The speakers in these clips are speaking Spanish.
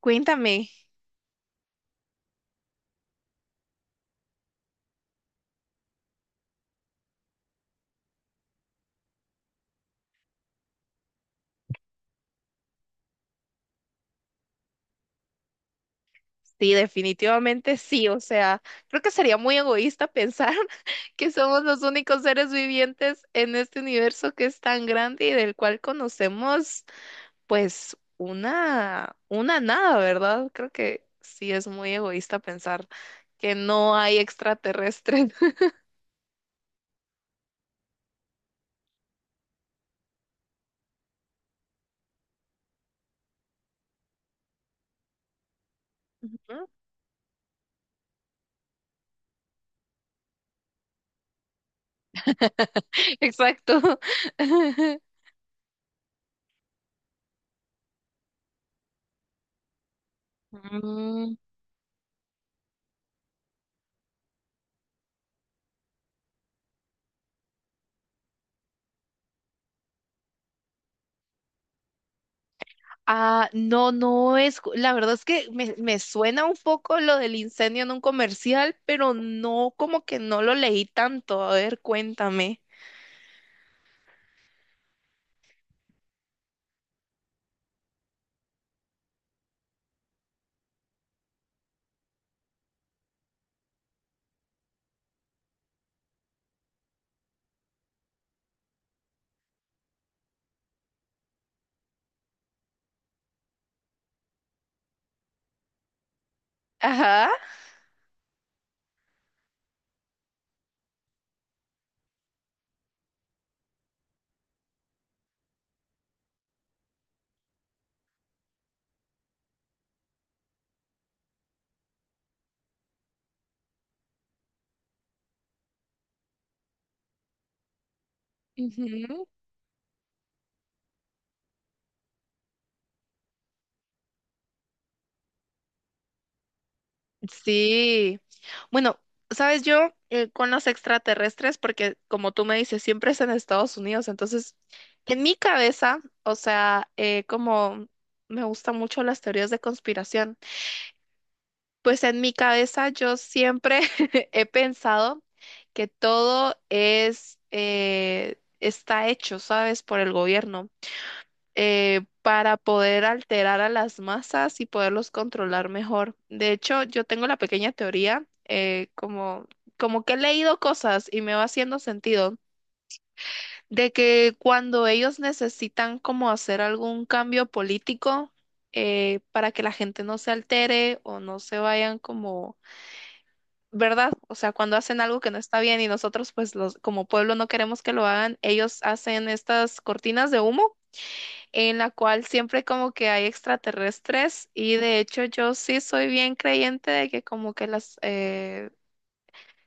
Cuéntame. Sí, definitivamente sí. O sea, creo que sería muy egoísta pensar que somos los únicos seres vivientes en este universo que es tan grande y del cual conocemos, pues, una nada, ¿verdad? Creo que sí es muy egoísta pensar que no hay extraterrestres. Ujú. Exacto. Mm. Ah, no, la verdad es que me suena un poco lo del incendio en un comercial, pero no, como que no lo leí tanto. A ver, cuéntame. Ajá. Ujú. Sí. Bueno, sabes yo, con los extraterrestres, porque como tú me dices, siempre es en Estados Unidos, entonces en mi cabeza, o sea, como me gustan mucho las teorías de conspiración. Pues en mi cabeza yo siempre he pensado que todo es, está hecho, ¿sabes? Por el gobierno, para poder alterar a las masas y poderlos controlar mejor. De hecho, yo tengo la pequeña teoría, como, como que he leído cosas y me va haciendo sentido, de que cuando ellos necesitan como hacer algún cambio político, para que la gente no se altere o no se vayan como ¿verdad? O sea, cuando hacen algo que no está bien y nosotros, pues, los, como pueblo no queremos que lo hagan, ellos hacen estas cortinas de humo en la cual siempre como que hay extraterrestres y de hecho yo sí soy bien creyente de que como que las,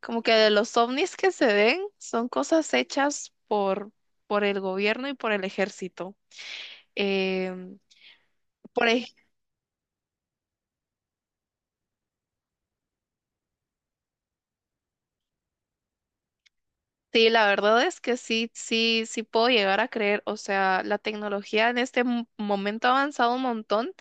como que de los ovnis que se ven son cosas hechas por el gobierno y por el ejército. Em, por ej- Sí, la verdad es que sí, sí puedo llegar a creer, o sea, la tecnología en este momento ha avanzado un montón.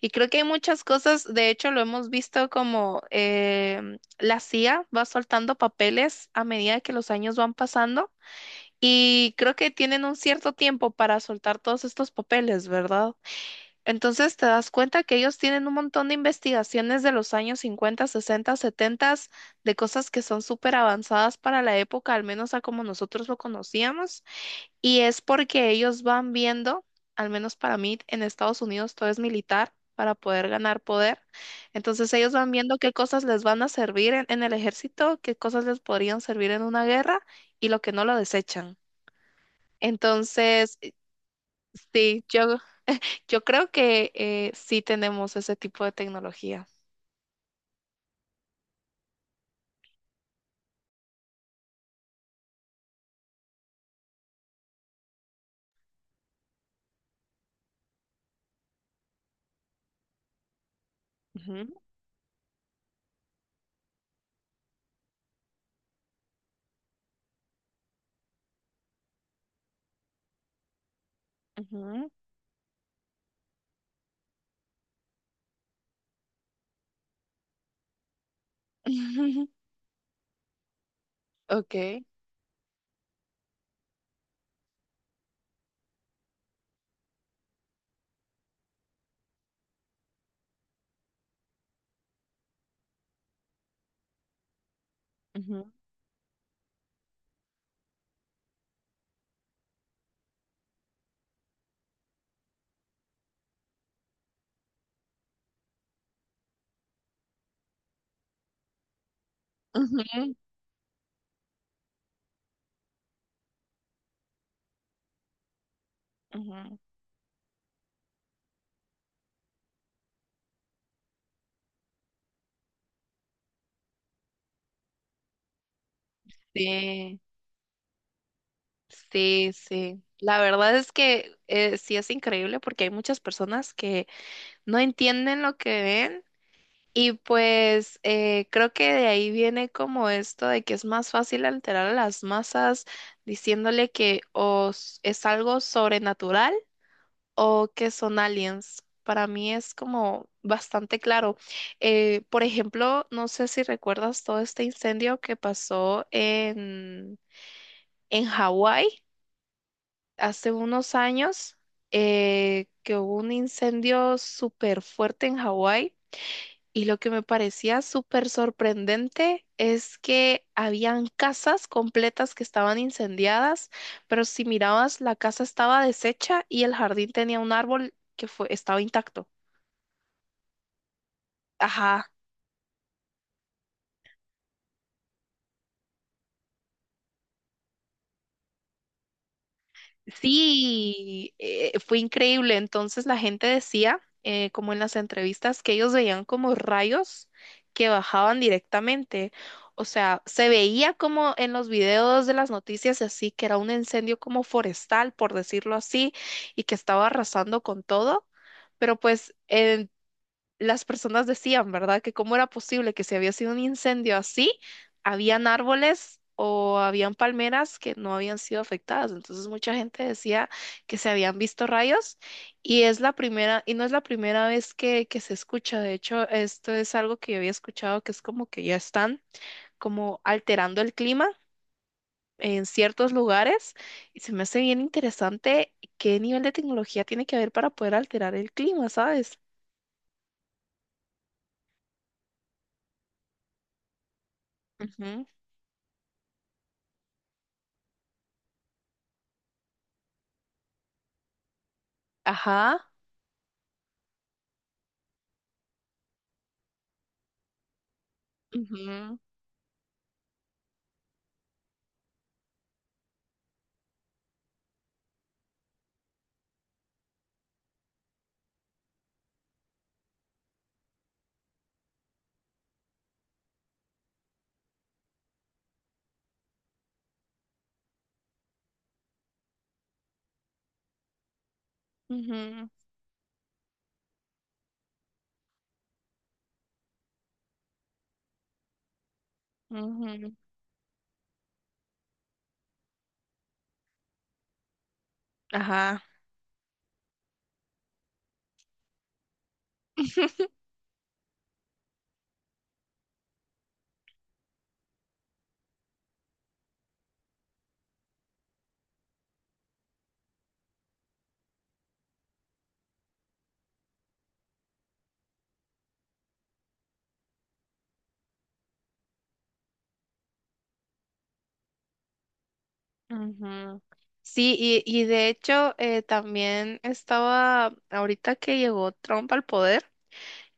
Y creo que hay muchas cosas, de hecho lo hemos visto como la CIA va soltando papeles a medida que los años van pasando y creo que tienen un cierto tiempo para soltar todos estos papeles, ¿verdad? Entonces te das cuenta que ellos tienen un montón de investigaciones de los años 50, 60, 70, de cosas que son súper avanzadas para la época, al menos a como nosotros lo conocíamos. Y es porque ellos van viendo, al menos para mí, en Estados Unidos todo es militar para poder ganar poder. Entonces ellos van viendo qué cosas les van a servir en el ejército, qué cosas les podrían servir en una guerra y lo que no lo desechan. Entonces, sí, yo creo que sí tenemos ese tipo de tecnología. Ujú, ujú. Ok. Ujú, ujú, ujú. Sí. Sí, sí. La verdad es que, sí es increíble porque hay muchas personas que no entienden lo que ven y pues, creo que de ahí viene como esto de que es más fácil alterar a las masas diciéndole que es algo sobrenatural o que son aliens. Para mí es como bastante claro. Por ejemplo, no sé si recuerdas todo este incendio que pasó en Hawái hace unos años, que hubo un incendio súper fuerte en Hawái y lo que me parecía súper sorprendente es que habían casas completas que estaban incendiadas, pero si mirabas la casa estaba deshecha y el jardín tenía un árbol que fue, estaba intacto. Ajá. Sí, fue increíble. Entonces la gente decía, como en las entrevistas, que ellos veían como rayos que bajaban directamente. O sea, se veía como en los videos de las noticias y así, que era un incendio como forestal, por decirlo así, y que estaba arrasando con todo. Pero pues las personas decían, ¿verdad? Que cómo era posible que si había sido un incendio así, habían árboles o habían palmeras que no habían sido afectadas. Entonces mucha gente decía que se habían visto rayos y es la primera, y no es la primera vez que se escucha. De hecho, esto es algo que yo había escuchado que es como que ya están como alterando el clima en ciertos lugares y se me hace bien interesante qué nivel de tecnología tiene que haber para poder alterar el clima, ¿sabes? Ujú. Ajá. Ujú, ujú, ujú. Ajá. Ujú. Sí, y de hecho, también estaba, ahorita que llegó Trump al poder,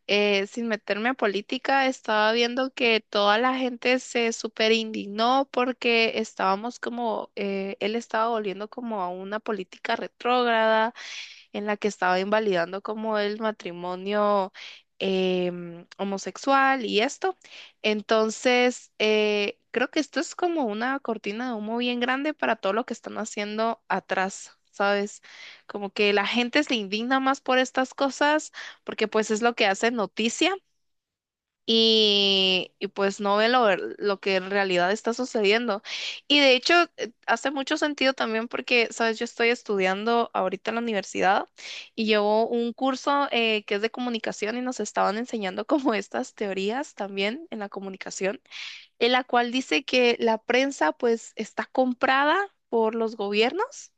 sin meterme a política, estaba viendo que toda la gente se súper indignó porque estábamos como, él estaba volviendo como a una política retrógrada en la que estaba invalidando como el matrimonio, homosexual y esto. Entonces, creo que esto es como una cortina de humo bien grande para todo lo que están haciendo atrás. ¿Sabes? Como que la gente se indigna más por estas cosas porque pues es lo que hace noticia y pues no ve lo que en realidad está sucediendo. Y de hecho, hace mucho sentido también porque, sabes, yo estoy estudiando ahorita en la universidad y llevo un curso, que es de comunicación y nos estaban enseñando como estas teorías también en la comunicación, en la cual dice que la prensa pues está comprada por los gobiernos,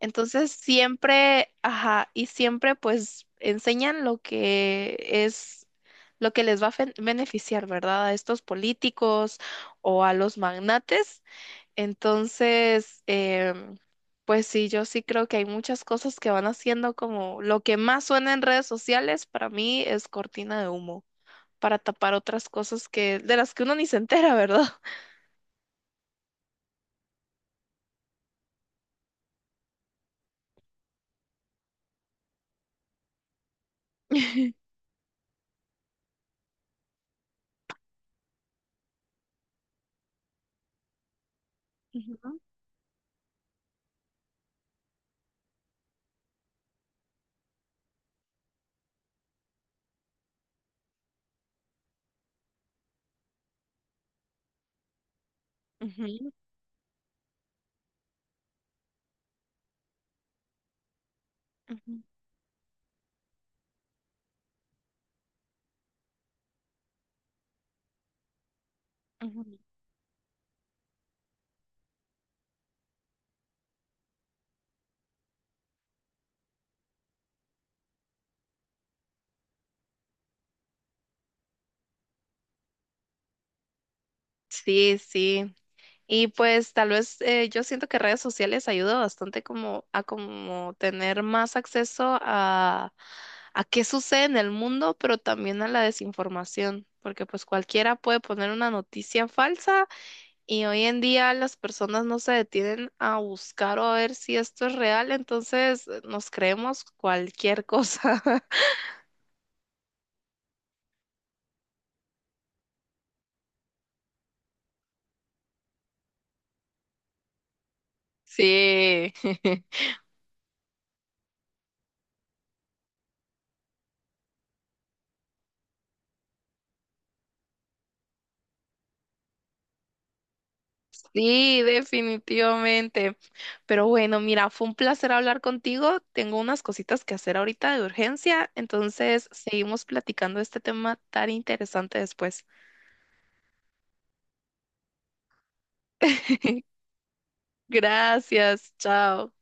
entonces siempre, ajá, y siempre pues enseñan lo que es, lo que les va a beneficiar, ¿verdad? A estos políticos o a los magnates. Entonces, pues sí, yo sí creo que hay muchas cosas que van haciendo como lo que más suena en redes sociales para mí es cortina de humo, para tapar otras cosas que, de las que uno ni se entera, ¿verdad? Ujú, ujú, ujú, ujú. Sí, sí. Y pues tal vez, yo siento que redes sociales ayuda bastante como a como tener más acceso a qué sucede en el mundo, pero también a la desinformación, porque pues cualquiera puede poner una noticia falsa y hoy en día las personas no se detienen a buscar o a ver si esto es real, entonces nos creemos cualquier cosa. Sí. Sí, definitivamente. Pero bueno, mira, fue un placer hablar contigo. Tengo unas cositas que hacer ahorita de urgencia, entonces seguimos platicando de este tema tan interesante después. Gracias, chao.